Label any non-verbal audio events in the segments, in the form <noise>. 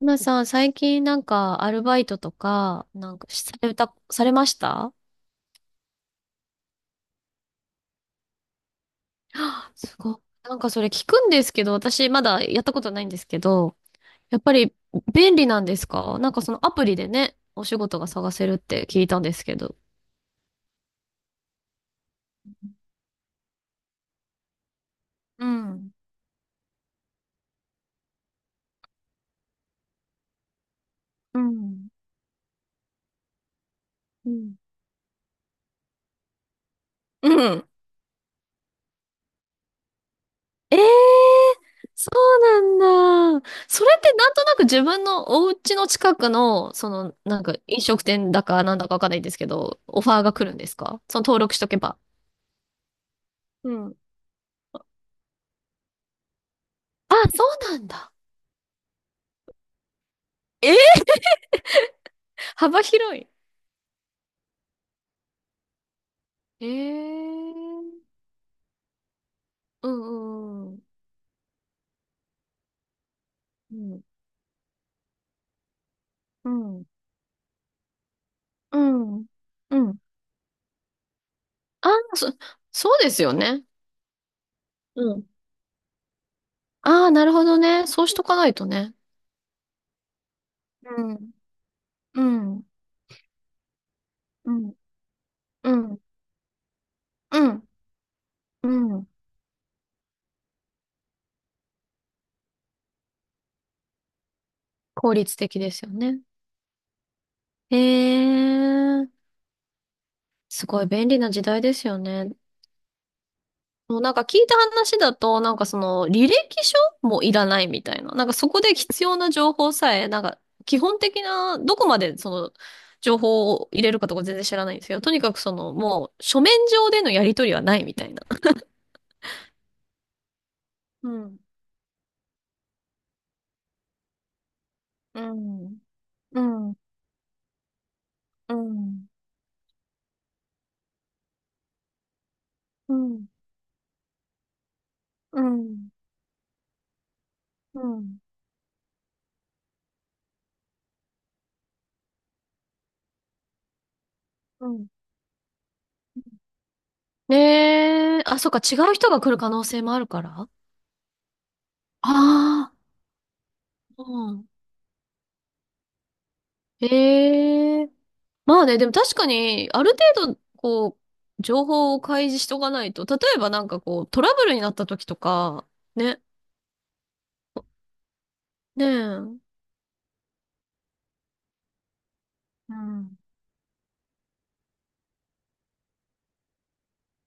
皆さん、最近アルバイトとか、しされた、されました。あ、すごい。なんかそれ聞くんですけど、私まだやったことないんですけど、やっぱり便利なんですか？なんかそのアプリでね、お仕事が探せるって聞いたんですけど。うん。うん。うん。うん。ええー、そうなんだ。それってなんとなく自分のお家の近くの、その、なんか飲食店だかなんだかわかんないんですけど、オファーが来るんですか？その登録しとけば。うん。あ、そうなんだ。えー、幅広い。えー。うんうんうん。うん。うん。うん。うん。あー、そ、そうですよね。うん。ああ、なるほどね。そうしとかないとね。うん。うん。うん。うん。うん。うん。効率的ですよね。へえ、すごい便利な時代ですよね。もうなんか聞いた話だと、なんかその履歴書もいらないみたいな。なんかそこで必要な情報さえ、なんか基本的な、どこまでその情報を入れるかとか全然知らないんですけど、とにかくそのもう書面上でのやり取りはないみたいな。うん、うん、うん、うん、うん、うん、うん、うん。ねえ、あ、そっか、違う人が来る可能性もあるから。ああ、うん。ええ、まあね、でも確かに、ある程度、こう、情報を開示しとかないと、例えばなんかこう、トラブルになった時とか、ね、ねえ、うん、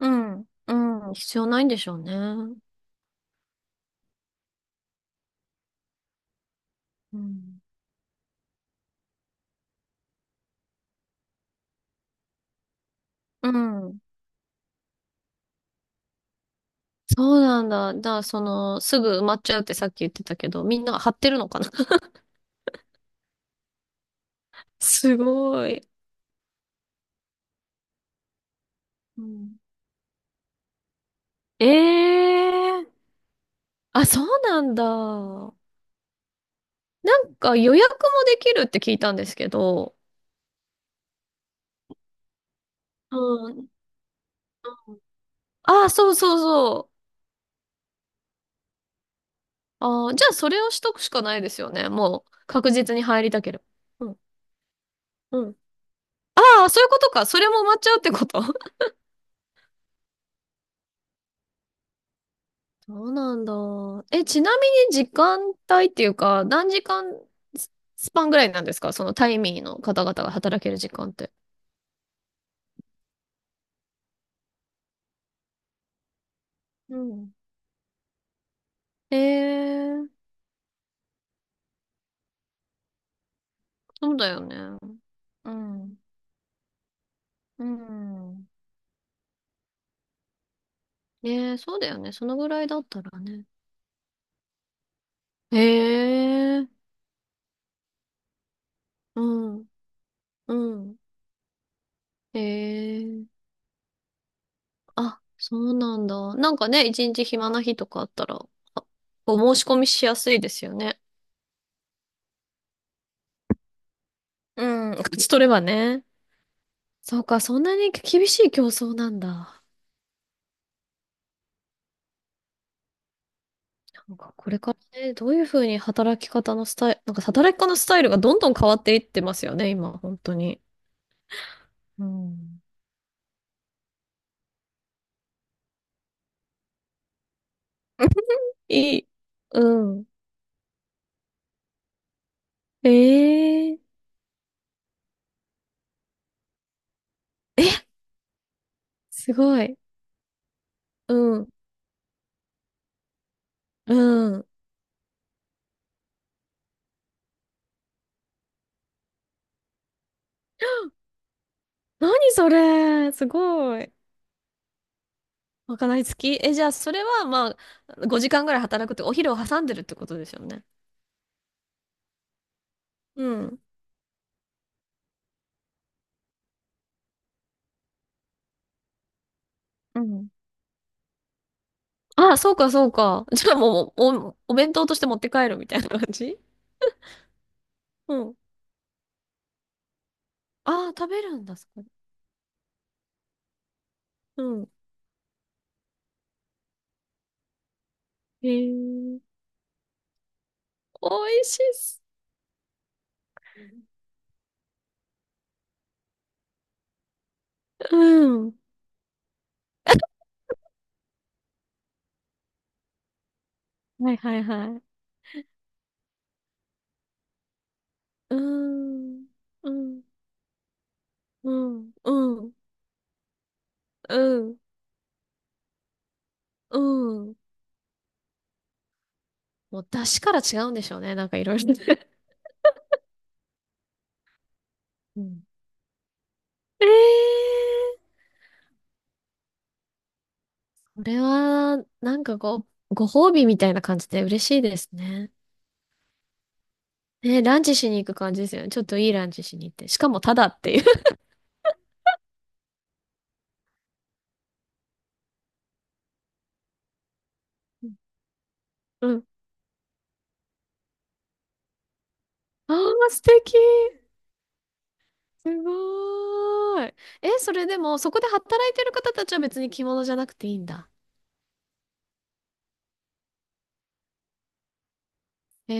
うん、うん、必要ないんでしょうね。うん、うん。そうなんだ。だから、その、すぐ埋まっちゃうってさっき言ってたけど、みんな貼ってるのかな？ <laughs> すごい。うん。ええー。あ、そうなんだ。なんか予約もできるって聞いたんですけど、うん。あ、そうそうそう。ああ、じゃあそれをしとくしかないですよね。もう確実に入りたければ。うん。うん。ああ、そういうことか。それも埋まっちゃうってこと？ <laughs> そうなんだ。え、ちなみに時間帯っていうか、何時間ススパンぐらいなんですか？そのタイミーの方々が働ける時間って。うん。ええ、そうだよね。うん。うん。ええ、そうだよね。そのぐらいだったらね。ええ、うん。うん。ええ、あ、そうなんだ。なんかね、一日暇な日とかあったら、あ、お申し込みしやすいですよね。うん、勝ち取ればね。そうか、そんなに厳しい競争なんだ。なんかこれからね、どういうふうに働き方のスタイル、なんか働き方のスタイルがどんどん変わっていってますよね、今、本当に。うん。いい。うん。ええ、すごい。うん。うん。<gasps> 何それ、すごい。まかない付き？え、じゃあ、それは、まあ、5時間ぐらい働くって、お昼を挟んでるってことですよね。うん。うん。ああ、そうか、そうか。じゃあもう、お、お弁当として持って帰るみたいな感じ？うん。ああ、食べるんだ、そこで。うん。へえ、美味しいっす。うん。はいはいはい。うーん。うん。うん。うん。うん。うん。もう、出汁から違うんでしょうね。なんかいろいろね。うん。<laughs> ええ、これは、なんかご、ご褒美みたいな感じで嬉しいですね。ね、ランチしに行く感じですよね。ちょっといいランチしに行って。しかもタダっていう。<laughs> うん。ああ、素敵。すごーい。え、それでも、そこで働いてる方たちは別に着物じゃなくていいんだ。え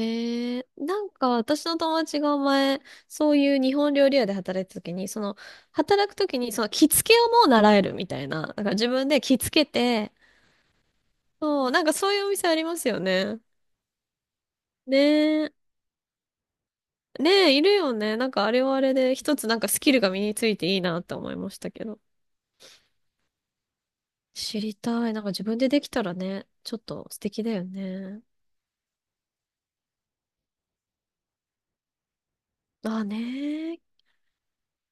ー、なんか私の友達が前、そういう日本料理屋で働いた時に、その、働く時に、その着付けをもう習えるみたいな。だから自分で着付けて、そう、なんかそういうお店ありますよね。ねえ。ねえ、いるよね。なんかあれはあれで、一つなんかスキルが身についていいなって思いましたけど。知りたい。なんか自分でできたらね、ちょっと素敵だよね。ああね。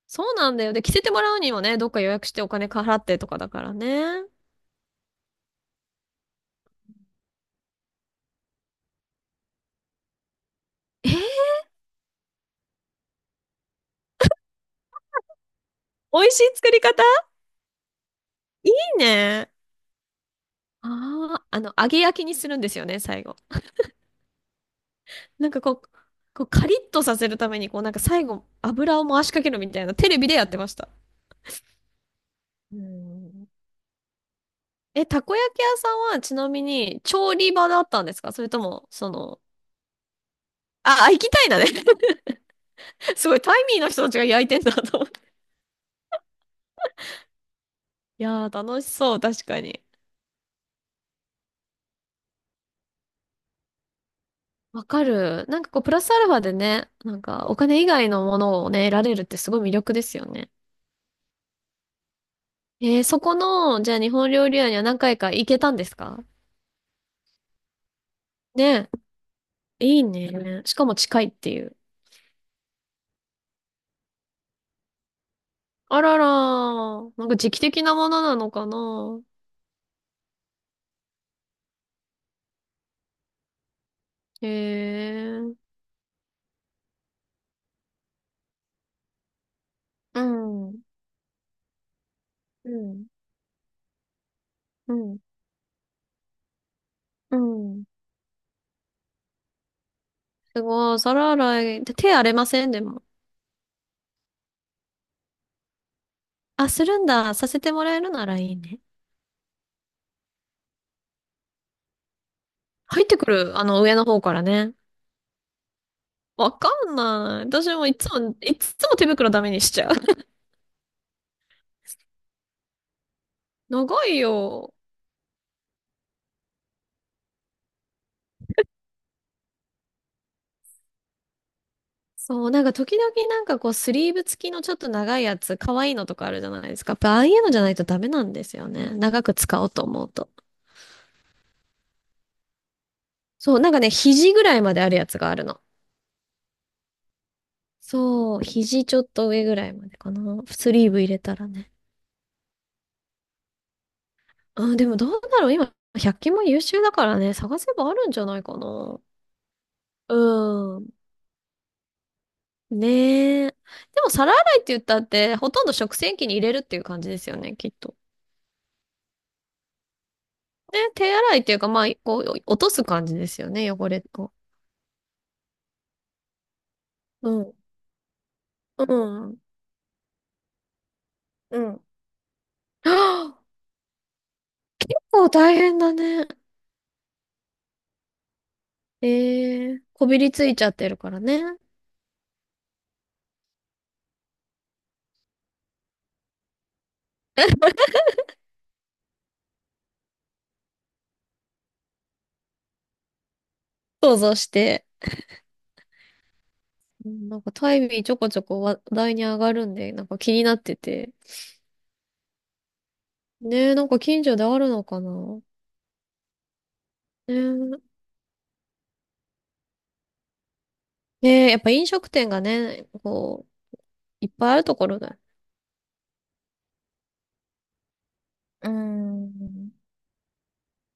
そうなんだよ。で、着せてもらうにもね、どっか予約してお金払ってとかだからね。えー、美味しい作り方。いいね。ああ、あの、揚げ焼きにするんですよね、最後。なんかこう、こうカリッとさせるために、こうなんか最後、油を回しかけるみたいな、テレビでやってました。うん。え、たこ焼き屋さんはちなみに調理場だったんですか？それとも、その、あ、あ行きたいなね。<laughs> すごい、タイミーの人たちが焼いてんだと思って。いやー、楽しそう、確かに。わかる。なんかこう、プラスアルファでね、なんかお金以外のものをね、得られるってすごい魅力ですよね。えー、そこの、じゃあ日本料理屋には何回か行けたんですか？ね、いいね。しかも近いっていう。あららー、なんか時期的なものなのかな？へえ。うん。うん。うんうん。すごい、皿洗い。で手荒れませんでも。あ、するんだ。させてもらえるならいいね。入ってくる、あの、上の方からね。わかんない。私もいつも、いつも手袋ダメにしちゃう。<laughs> 長いよ。そう、なんか時々なんかこう、スリーブ付きのちょっと長いやつ、可愛いのとかあるじゃないですか。やっぱああいうのじゃないとダメなんですよね。長く使おうと思うと。そう、なんかね、肘ぐらいまであるやつがあるの。そう、肘ちょっと上ぐらいまでかな。スリーブ入れたらね。あ、でもどうだろう。今、百均も優秀だからね、探せばあるんじゃないかな。うん。ねえ。でも皿洗いって言ったって、ほとんど食洗機に入れるっていう感じですよね、きっと。ね、手洗いっていうか、まあ、こう、落とす感じですよね、汚れを。うん。うん。うん。はあ、結構大変だね。ええ、こびりついちゃってるからね。<laughs> 想像して。うん、なんかタイミーちょこちょこ話題に上がるんで、なんか気になってて、ねえ、なんか近所であるのかな。ねえ、ねえ、やっぱ飲食店がね、こう、いっぱいあるところだ。うーん。